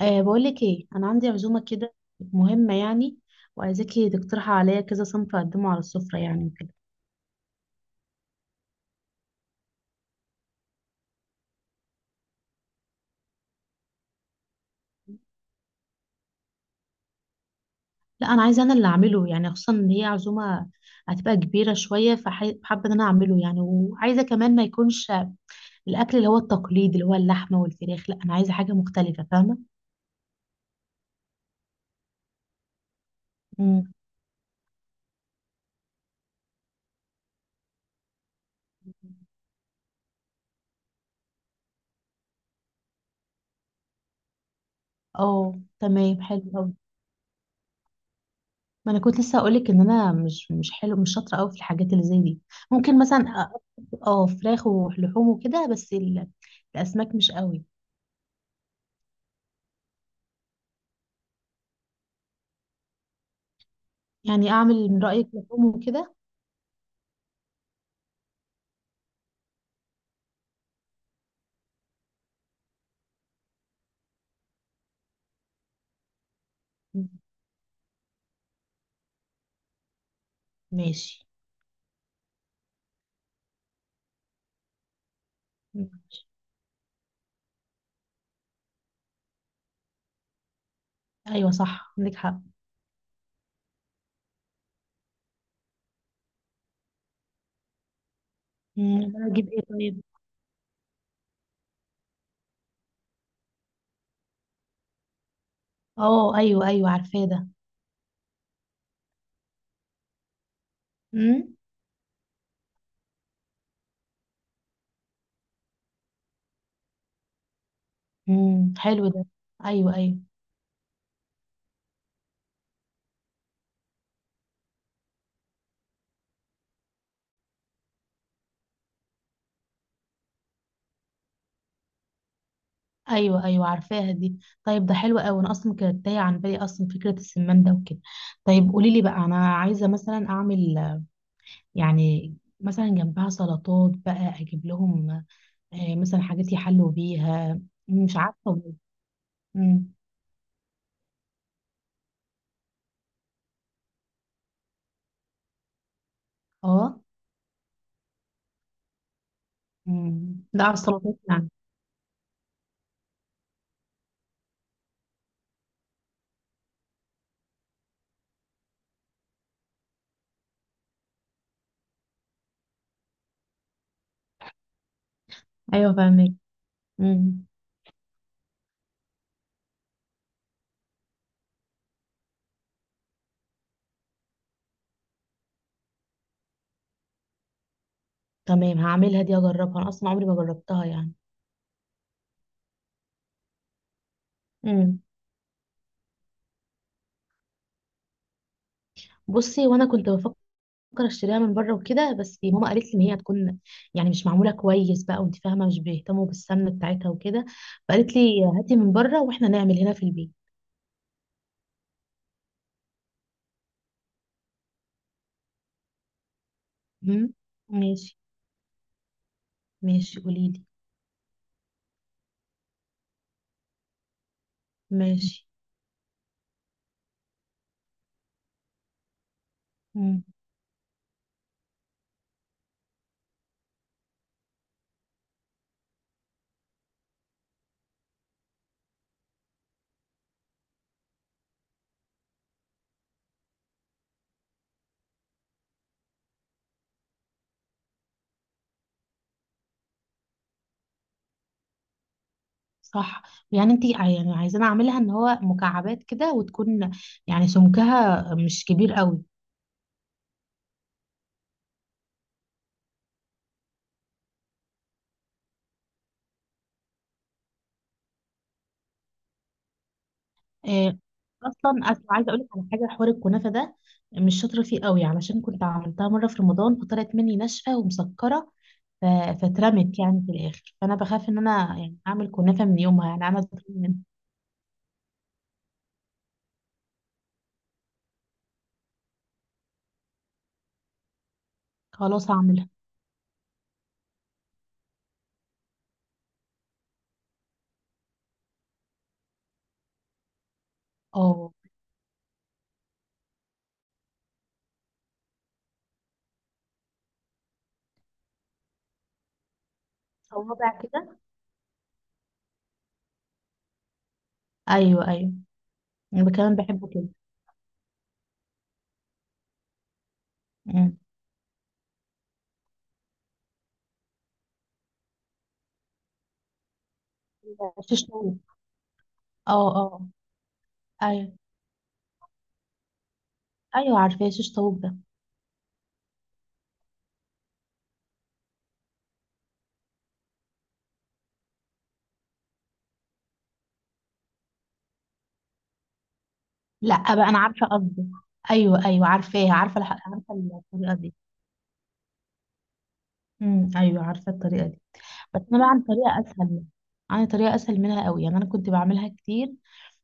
بقولك ايه، انا عندي عزومه كده مهمه يعني، وعايزاكي تقترحي عليا كذا صنف اقدمه على السفره يعني وكده. لا، انا عايزه انا اللي اعمله يعني، خصوصا ان هي عزومه هتبقى كبيره شويه، فحابه ان انا اعمله يعني، وعايزه كمان ما يكونش الاكل اللي هو التقليد، اللي هو اللحمه والفراخ. لا، انا عايزه حاجه مختلفه، فاهمه. مم. اه، تمام، حلو قوي. ما انا كنت لسه هقولك ان انا مش حلو، مش شاطره قوي في الحاجات اللي زي دي. ممكن مثلا أ- اه فراخ ولحوم وكده، بس الاسماك مش قوي. يعني اعمل من رأيك لحوم وكده. ماشي، ماشي. ايوه، صح، عندك حق. مم، أنا اجيب ايه طيب؟ اه، ايوه، ايوه، عارفاه ده. امم حلو ده. ايوه، ايوه. ايوه، ايوه، عارفاها دي. طيب، ده حلو قوي، انا اصلا كانت تايه عن بالي اصلا فكره السمان ده وكده. طيب قولي لي بقى، انا عايزه مثلا اعمل يعني، مثلا جنبها سلطات بقى، اجيب لهم مثلا حاجات يحلوا بيها. مش عارفه والله. امم. اه. ده على السلطات يعني. ايوه، فاهمك. امم. تمام، هعملها دي اجربها، انا اصلا عمري ما جربتها يعني. امم. بصي، وانا كنت بفكر اشتريها من بره وكده، بس ماما قالت لي ان هي هتكون يعني مش معموله كويس بقى، وانت فاهمه مش بيهتموا بالسمنه بتاعتها وكده. فقالت لي هاتي من بره واحنا نعمل هنا في البيت. امم. ماشي. ماشي، قولي لي. ماشي. امم. صح. يعني انت يعني عايزانا اعملها ان هو مكعبات كده، وتكون يعني سمكها مش كبير قوي. آه، اصلا أصل عايزه اقول لك على حاجه، حوار الكنافه ده مش شاطره فيه قوي، علشان كنت عملتها مره في رمضان فطلعت مني ناشفه ومسكره. ف- فاترمت يعني في الاخر، فانا بخاف ان انا يعني اعمل كنافه من يومها، يعني انا أترمم منها. خلاص، هعملها. اه، صوابع كده. ايوه، ايوه، انا كمان بحبه كده. أمم. شيش طاووق. اه، اه. ايوه، ايوه، عارفاه شيش طاووق ده. لا بقى انا عارفه قصدي. ايوه، ايوه، عارفاها، عارفه الطريقه دي. امم، ايوه، عارفه الطريقه دي. بس انا بقى عن طريقه اسهل، عن طريقه اسهل منها قوي، يعني انا كنت بعملها كتير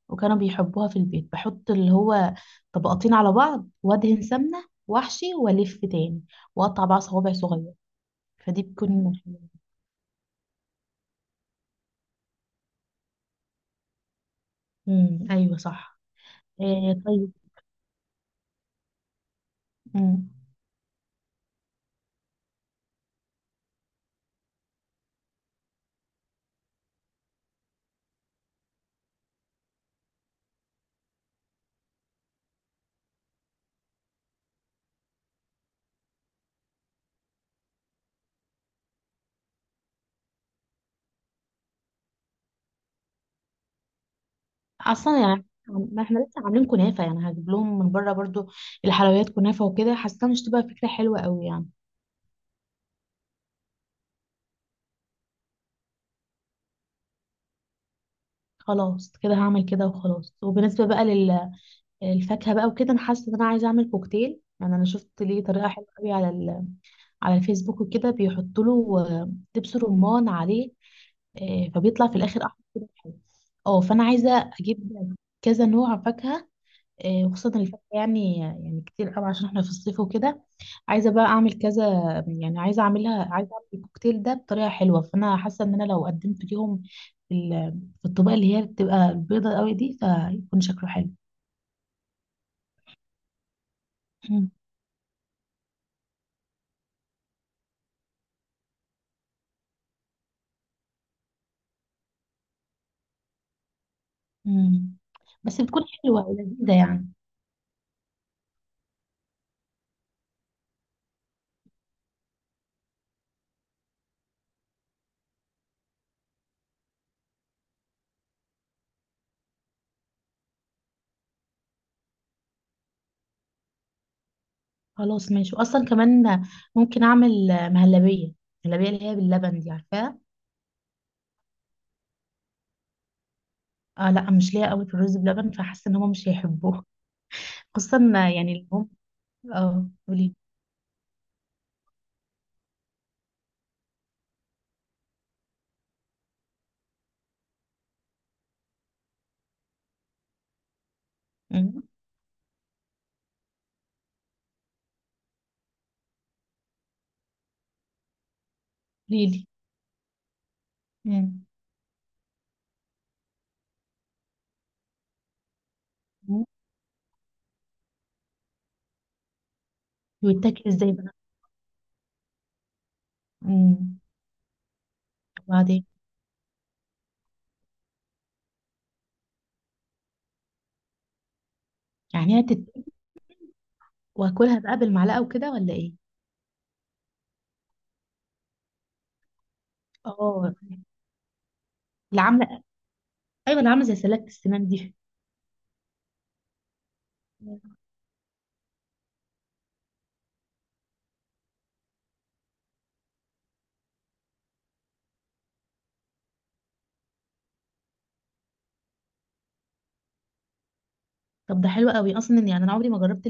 وكانوا بيحبوها في البيت، بحط اللي هو طبقتين على بعض، وادهن سمنه، واحشي، والف تاني، واقطع بقى صوابع صغير. فدي بتكون حلوه. امم، ايوه، صح. إيه؟ طيب. امم. اصلا يعني ما احنا لسه عاملين كنافه، يعني هجيب لهم من بره برضو الحلويات كنافه وكده، حاسه مش تبقى فكره حلوه قوي يعني. خلاص، كده هعمل كده وخلاص. وبالنسبه بقى الفاكهه بقى وكده، انا حاسه ان انا عايزه اعمل كوكتيل، يعني انا شفت ليه طريقه حلوه قوي على الفيسبوك وكده، بيحطوا له دبس رمان عليه، فبيطلع في الاخر احمر كده حلو. اه، فانا عايزه اجيب كذا نوع فاكهه، وخصوصا الفاكهه يعني، يعني كتير قوي عشان احنا في الصيف وكده. عايزه بقى اعمل كذا، يعني عايزه اعملها، عايزه اعمل الكوكتيل ده بطريقه حلوه، فانا حاسه ان انا لو قدمت ليهم في في الطبقه اللي هي بتبقى البيضه قوي دي، فيكون شكله حلو. مم. بس بتكون حلوة ولذيذة يعني. خلاص، ماشي. وأصلا كمان ممكن أعمل مهلبية، مهلبية اللي هي باللبن دي، عارفاها؟ اه لا، مش ليا قوي في الرز بلبن، فحاسة إن هما مش هيحبوه، خصوصا يعني اللي هم. اه، قولي. مم. قوليلي. مم. مم. بيتاكل ازاي بقى؟ مم. وبعدين. يعني واكلها بقى بالمعلقة وكده ولا ايه؟ اه، اللي عاملة، ايوه، اللي عاملة زي سلة السنان دي. مم. طب ده حلو قوي، اصلا يعني انا عمري ما جربت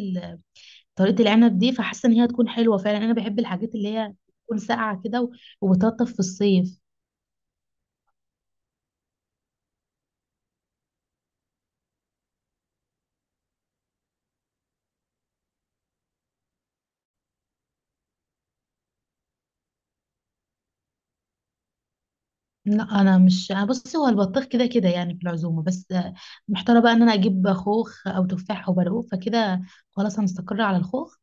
طريقة العنب دي، فحاسة ان هي هتكون حلوة فعلا، انا بحب الحاجات اللي هي تكون ساقعة كده وبتلطف في الصيف. لا، انا مش، انا بصي هو البطيخ كده كده يعني في العزومة، بس محتاره بقى ان انا اجيب خوخ او تفاح او برقوق فكده. خلاص، هنستقر على الخوخ.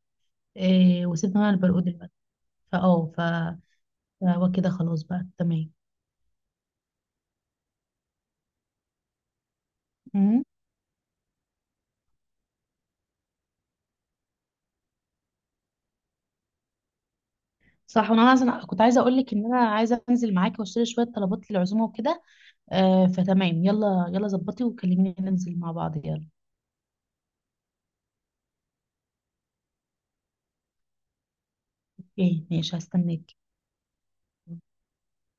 إيه، وسيبنا بقى البرقوق دلوقتي. فاه ف فهو كده خلاص بقى تمام. مم. صح، وانا عايزه، كنت عايزه اقول لك ان انا عايزه انزل معاكي واشتري شويه طلبات للعزومه وكده. آه، فتمام، يلا يلا ظبطي وكلميني ننزل مع بعض، يلا. ايه ماشي، هستناك.